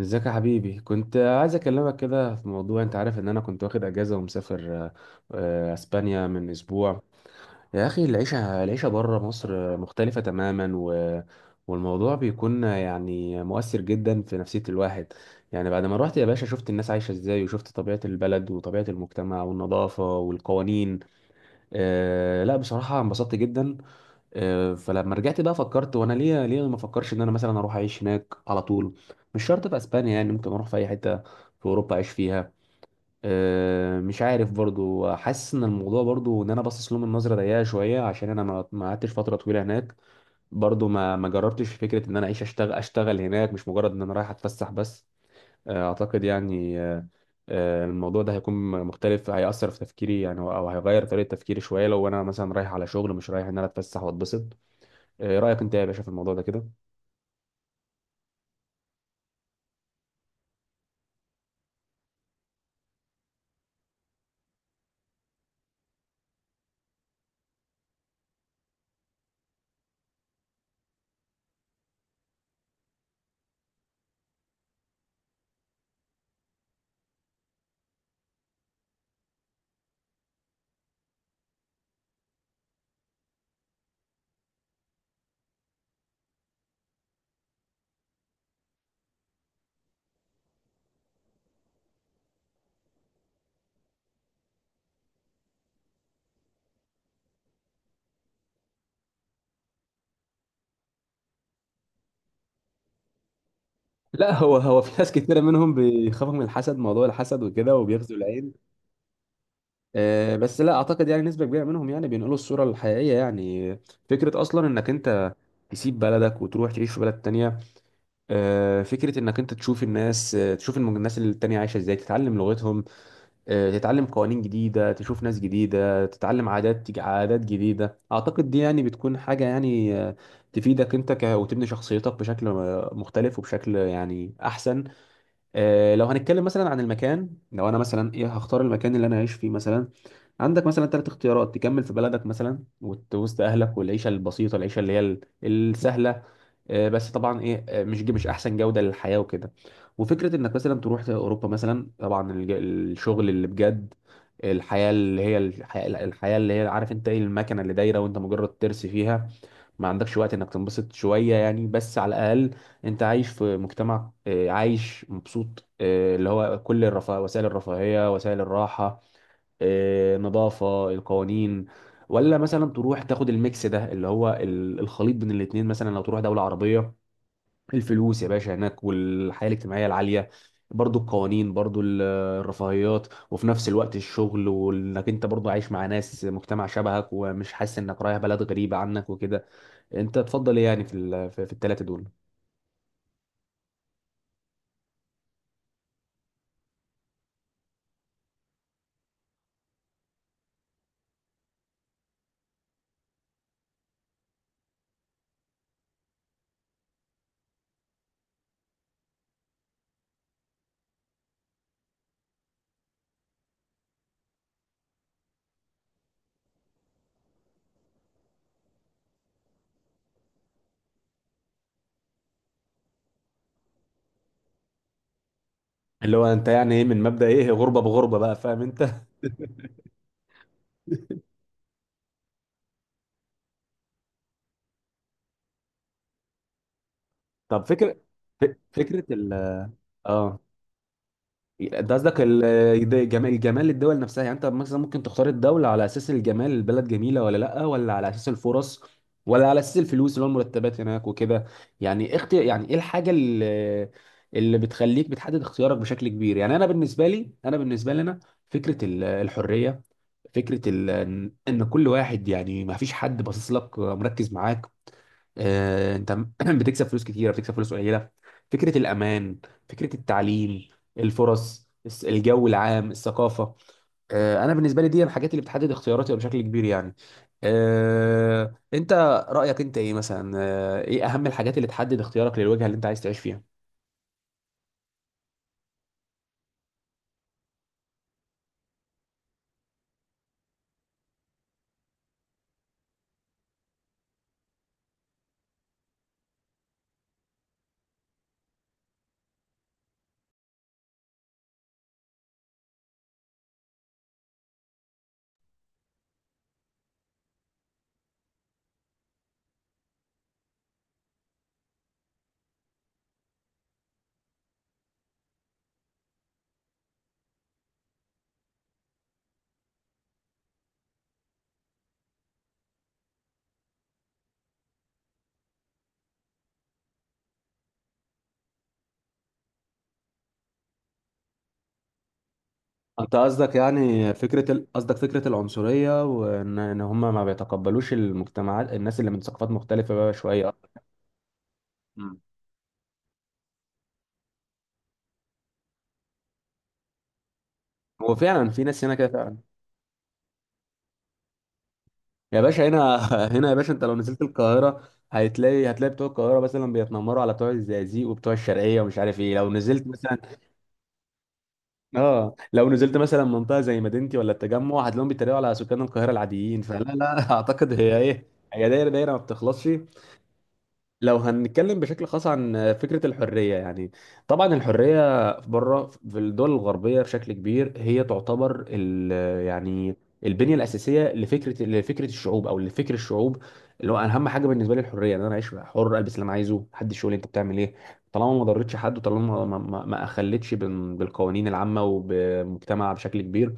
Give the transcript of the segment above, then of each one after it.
ازيك يا حبيبي؟ كنت عايز اكلمك كده في موضوع. انت عارف ان انا كنت واخد اجازه ومسافر اسبانيا من اسبوع. يا اخي العيشه العيشه بره مصر مختلفه تماما، والموضوع بيكون يعني مؤثر جدا في نفسيه الواحد. يعني بعد ما روحت يا باشا، شفت الناس عايشه ازاي، وشفت طبيعه البلد وطبيعه المجتمع والنظافه والقوانين. لا، بصراحه انبسطت جدا. فلما رجعت بقى فكرت، وانا ليه ليه ما افكرش ان انا مثلا اروح اعيش هناك على طول؟ مش شرط في اسبانيا يعني، ممكن اروح في اي حته في اوروبا اعيش فيها. مش عارف برضو، حاسس ان الموضوع برضو ان انا باصص لهم من نظره ضيقه شويه، عشان انا ما قعدتش فتره طويله هناك. برضو ما جربتش فكره ان انا اعيش اشتغل هناك، مش مجرد ان انا رايح اتفسح بس. اعتقد يعني الموضوع ده هيكون مختلف، هيأثر في تفكيري يعني، او هيغير طريقه تفكيري شويه، لو انا مثلا رايح على شغل، مش رايح ان انا اتفسح واتبسط. إيه رأيك انت يا باشا في الموضوع ده كده؟ لا، هو في ناس كتيرة منهم بيخافوا من الحسد، موضوع الحسد وكده، وبيغزوا العين. بس لا اعتقد يعني نسبة كبيرة منهم يعني بينقلوا الصورة الحقيقية يعني. فكرة اصلا انك انت تسيب بلدك وتروح تعيش في بلد تانية. فكرة انك انت تشوف الناس، تشوف الناس اللي التانية عايشة ازاي، تتعلم لغتهم. تتعلم قوانين جديدة، تشوف ناس جديدة، تتعلم عادات، تيجي عادات جديدة. أعتقد دي يعني بتكون حاجة يعني تفيدك أنت، وتبني شخصيتك بشكل مختلف، وبشكل يعني أحسن. لو هنتكلم مثلا عن المكان، لو انا مثلا ايه هختار المكان اللي انا عايش فيه مثلا. عندك مثلا ثلاث اختيارات: تكمل في بلدك مثلا وسط اهلك، والعيشه البسيطه، العيشه اللي هي السهله. بس طبعا ايه، مش احسن جوده للحياه وكده. وفكره انك مثلا تروح اوروبا مثلا، طبعا الشغل اللي بجد، الحياه اللي هي الحياه، الحياة اللي هي، عارف انت ايه المكنه اللي دايره، وانت مجرد ترس فيها. ما عندكش وقت انك تنبسط شوية يعني، بس على الاقل انت عايش في مجتمع، عايش مبسوط، اللي هو كل الرفاه، وسائل الرفاهية، وسائل الراحة، نظافة، القوانين. ولا مثلا تروح تاخد الميكس ده اللي هو الخليط بين الاتنين، مثلا لو تروح دولة عربية: الفلوس يا باشا هناك، والحياة الاجتماعية العالية، برضو القوانين، برضو الرفاهيات، وفي نفس الوقت الشغل، وانك انت برضو عايش مع ناس مجتمع شبهك، ومش حاسس انك رايح بلد غريبة عنك وكده. انت تفضل ايه يعني في في الثلاثه دول؟ اللي هو انت يعني ايه، من مبدأ ايه، غربه بغربه بقى، فاهم انت؟ طب فكره، ف- فكره ال اه، انت قصدك ده جمال، للدول نفسها. يعني انت مثلا ممكن تختار الدولة على اساس الجمال، البلد جميلة ولا لا، ولا على اساس الفرص، ولا على اساس الفلوس اللي هو المرتبات هناك وكده. يعني اختي يعني ايه الحاجة، اللي بتخليك بتحدد اختيارك بشكل كبير؟ يعني انا بالنسبة لي انا، فكرة الحرية، فكرة ان كل واحد يعني ما فيش حد باصص لك، مركز معاك، انت بتكسب فلوس كتيره، بتكسب فلوس قليله. فكره الامان، فكره التعليم، الفرص، الجو العام، الثقافه. انا بالنسبه لي دي الحاجات اللي بتحدد اختياراتي بشكل كبير يعني. آه، انت رايك انت ايه مثلا، ايه اهم الحاجات اللي تحدد اختيارك للوجهه اللي انت عايز تعيش فيها؟ انت قصدك يعني فكره ال... قصدك فكره العنصريه، وان هم ما بيتقبلوش المجتمعات، الناس اللي من ثقافات مختلفه بقى شويه؟ مم. هو فعلا في ناس هنا كده فعلا. يا باشا هنا، هنا يا باشا، انت لو نزلت القاهرة هتلاقي، بتوع القاهرة مثلا بيتنمروا على بتوع الزقازيق وبتوع الشرقية ومش عارف ايه، لو نزلت مثلا. اه لو نزلت مثلا منطقة زي مدينتي ولا التجمع، هتلاقيهم بيتريقوا على سكان القاهرة العاديين. فلا لا، اعتقد هي ايه، هي دايرة دايرة ما بتخلصش. لو هنتكلم بشكل خاص عن فكرة الحرية يعني، طبعا الحرية بره في الدول الغربية بشكل كبير، هي تعتبر يعني البنية الأساسية لفكرة الشعوب أو لفكر الشعوب. اللي هو أنا أهم حاجة بالنسبة لي الحرية، إن أنا أعيش حر، ألبس اللي أنا عايزه، محدش يقول لي أنت بتعمل إيه، طالما ما ضرتش حد، وطالما ما أخلتش بالقوانين العامة وبمجتمع بشكل كبير.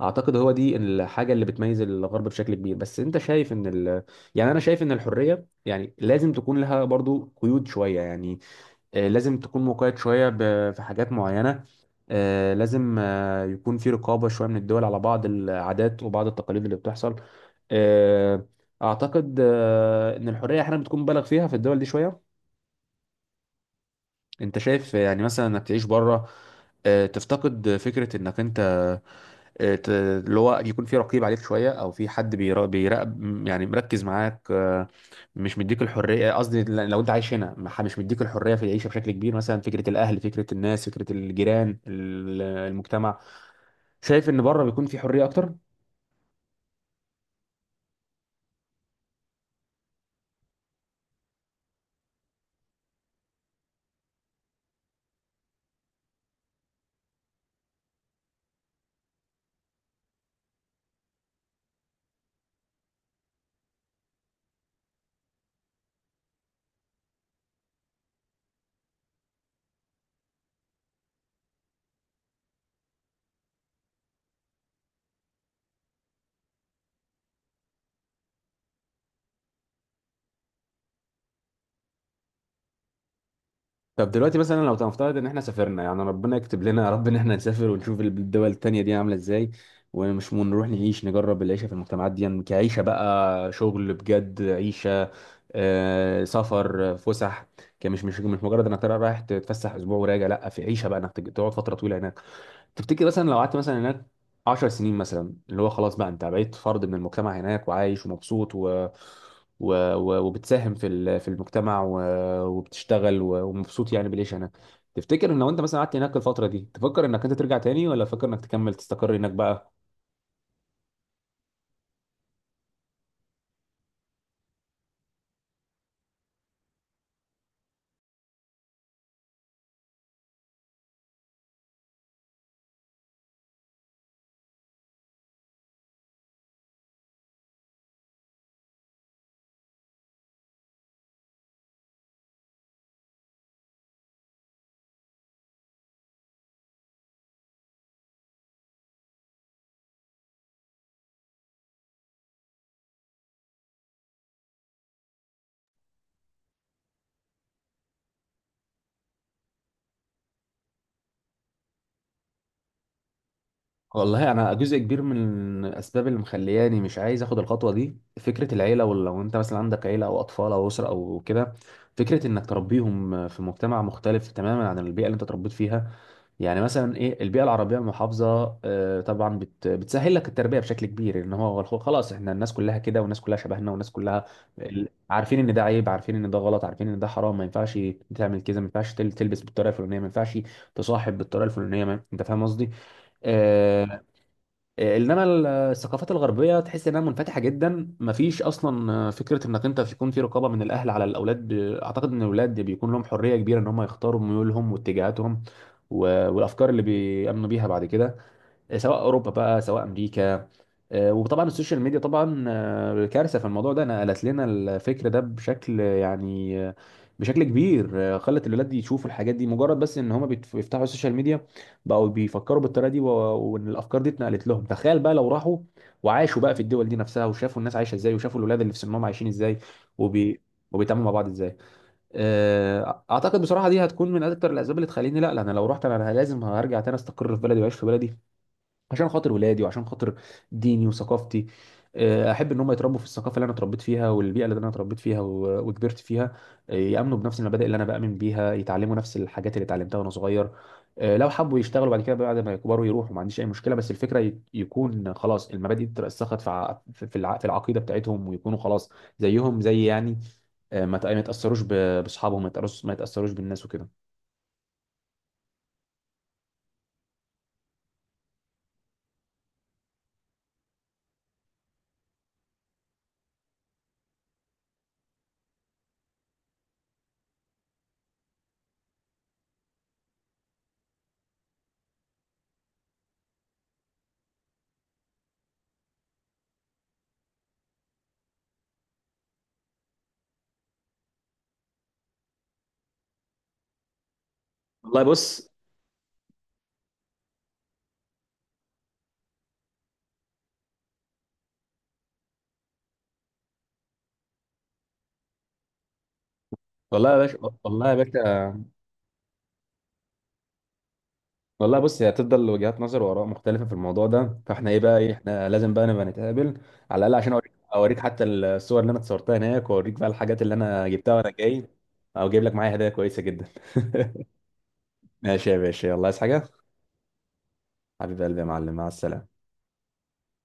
اعتقد هو دي الحاجه اللي بتميز الغرب بشكل كبير. بس انت شايف ان يعني انا شايف ان الحريه يعني لازم تكون لها برضو قيود شويه يعني، لازم تكون مقيد شويه في حاجات معينه. لازم يكون في رقابه شويه من الدول على بعض العادات وبعض التقاليد اللي بتحصل. آه، اعتقد ان الحريه احيانا بتكون مبالغ فيها في الدول دي شويه. انت شايف يعني مثلا انك تعيش بره، تفتقد فكرة انك انت اللي هو يكون في رقيب عليك شوية، او في حد بيراقب يعني مركز معاك. مش مديك الحرية، قصدي لو انت عايش هنا، مش مديك الحرية في العيشة بشكل كبير، مثلا فكرة الاهل، فكرة الناس، فكرة الجيران، المجتمع. شايف ان بره بيكون في حرية اكتر. طب دلوقتي مثلا، لو تنفترض ان احنا سافرنا، يعني ربنا يكتب لنا يا رب ان احنا نسافر ونشوف الدول التانية دي عاملة ازاي، ونروح نعيش نجرب العيشة في المجتمعات دي، يعني كعيشة بقى، شغل بجد، عيشة، آه سفر آه، فسح، كمش مش مش مجرد انك ترى رايح تتفسح اسبوع وراجع، لا، في عيشة بقى، انك تقعد فترة طويلة هناك. تفتكر مثلا لو قعدت مثلا هناك 10 سنين مثلا، اللي هو خلاص بقى انت بقيت فرد من المجتمع هناك، وعايش ومبسوط وبتساهم في المجتمع، وبتشتغل ومبسوط يعني بالعيش هناك. تفتكر ان لو انت مثلا قعدت هناك الفترة دي، تفكر انك انت ترجع تاني، ولا تفكر انك تكمل تستقر هناك بقى؟ والله انا، جزء كبير من الاسباب اللي مخلياني مش عايز اخد الخطوه دي فكره العيله. ولو انت مثلا عندك عيله او اطفال او اسره او كده، فكره انك تربيهم في مجتمع مختلف تماما عن البيئه اللي انت اتربيت فيها. يعني مثلا ايه، البيئه العربيه المحافظه، طبعا بتسهل لك التربيه بشكل كبير، ان هو خلاص احنا الناس كلها كده، والناس كلها شبهنا، والناس كلها عارفين ان ده عيب، عارفين ان ده غلط، عارفين ان ده حرام، ما ينفعش تعمل كده، ما ينفعش تلبس بالطريقه الفلانيه، ما ينفعش تصاحب بالطريقه الفلانيه، انت فاهم قصدي. آه، انما الثقافات الغربيه تحس انها منفتحه جدا، مفيش اصلا فكره انك انت يكون في رقابه من الاهل على الاولاد. اعتقد ان الاولاد بيكون لهم حريه كبيره، ان هم يختاروا ميولهم واتجاهاتهم والافكار اللي بيامنوا بيها بعد كده، سواء اوروبا بقى، سواء امريكا. وطبعا السوشيال ميديا، طبعا كارثه في الموضوع ده، نقلت لنا الفكر ده بشكل بشكل كبير. خلت الولاد يشوفوا الحاجات دي، مجرد بس ان هما بيفتحوا السوشيال ميديا بقوا بيفكروا بالطريقه دي، وان الافكار دي اتنقلت لهم. تخيل بقى لو راحوا وعاشوا بقى في الدول دي نفسها، وشافوا الناس عايشه ازاي، وشافوا الولاد اللي في سنهم عايشين ازاي، وبي وبيتعاملوا مع بعض ازاي. اعتقد بصراحه دي هتكون من اكتر الاسباب اللي تخليني، لا لا، انا لو رحت انا لازم هرجع تاني، استقر في بلدي واعيش في بلدي، عشان خاطر ولادي، وعشان خاطر ديني وثقافتي. احب ان هم يتربوا في الثقافه اللي انا اتربيت فيها، والبيئه اللي انا اتربيت فيها وكبرت فيها. يامنوا بنفس المبادئ اللي انا بامن بيها، يتعلموا نفس الحاجات اللي اتعلمتها وانا صغير. لو حبوا يشتغلوا بعد كده بعد ما يكبروا يروحوا، ما عنديش اي مشكله، بس الفكره يكون خلاص المبادئ دي اترسخت في العقيده بتاعتهم، ويكونوا خلاص زيهم زي يعني، ما يتاثروش باصحابهم، ما يتأثروش بالناس وكده. والله بص. والله يا باشا. والله يا باشا. والله بص، هي هتفضل وجهات نظر واراء مختلفه في الموضوع ده، فاحنا ايه بقى ايه، احنا لازم بقى نبقى نتقابل على الاقل، عشان اوريك، حتى الصور اللي انا اتصورتها هناك، واوريك بقى الحاجات اللي انا جبتها وانا جاي، او جايب لك معايا هدايا كويسه جدا. ماشي يا باشا، يلا، عايز حاجه؟ حبيب قلبي يا معلم، مع السلامه.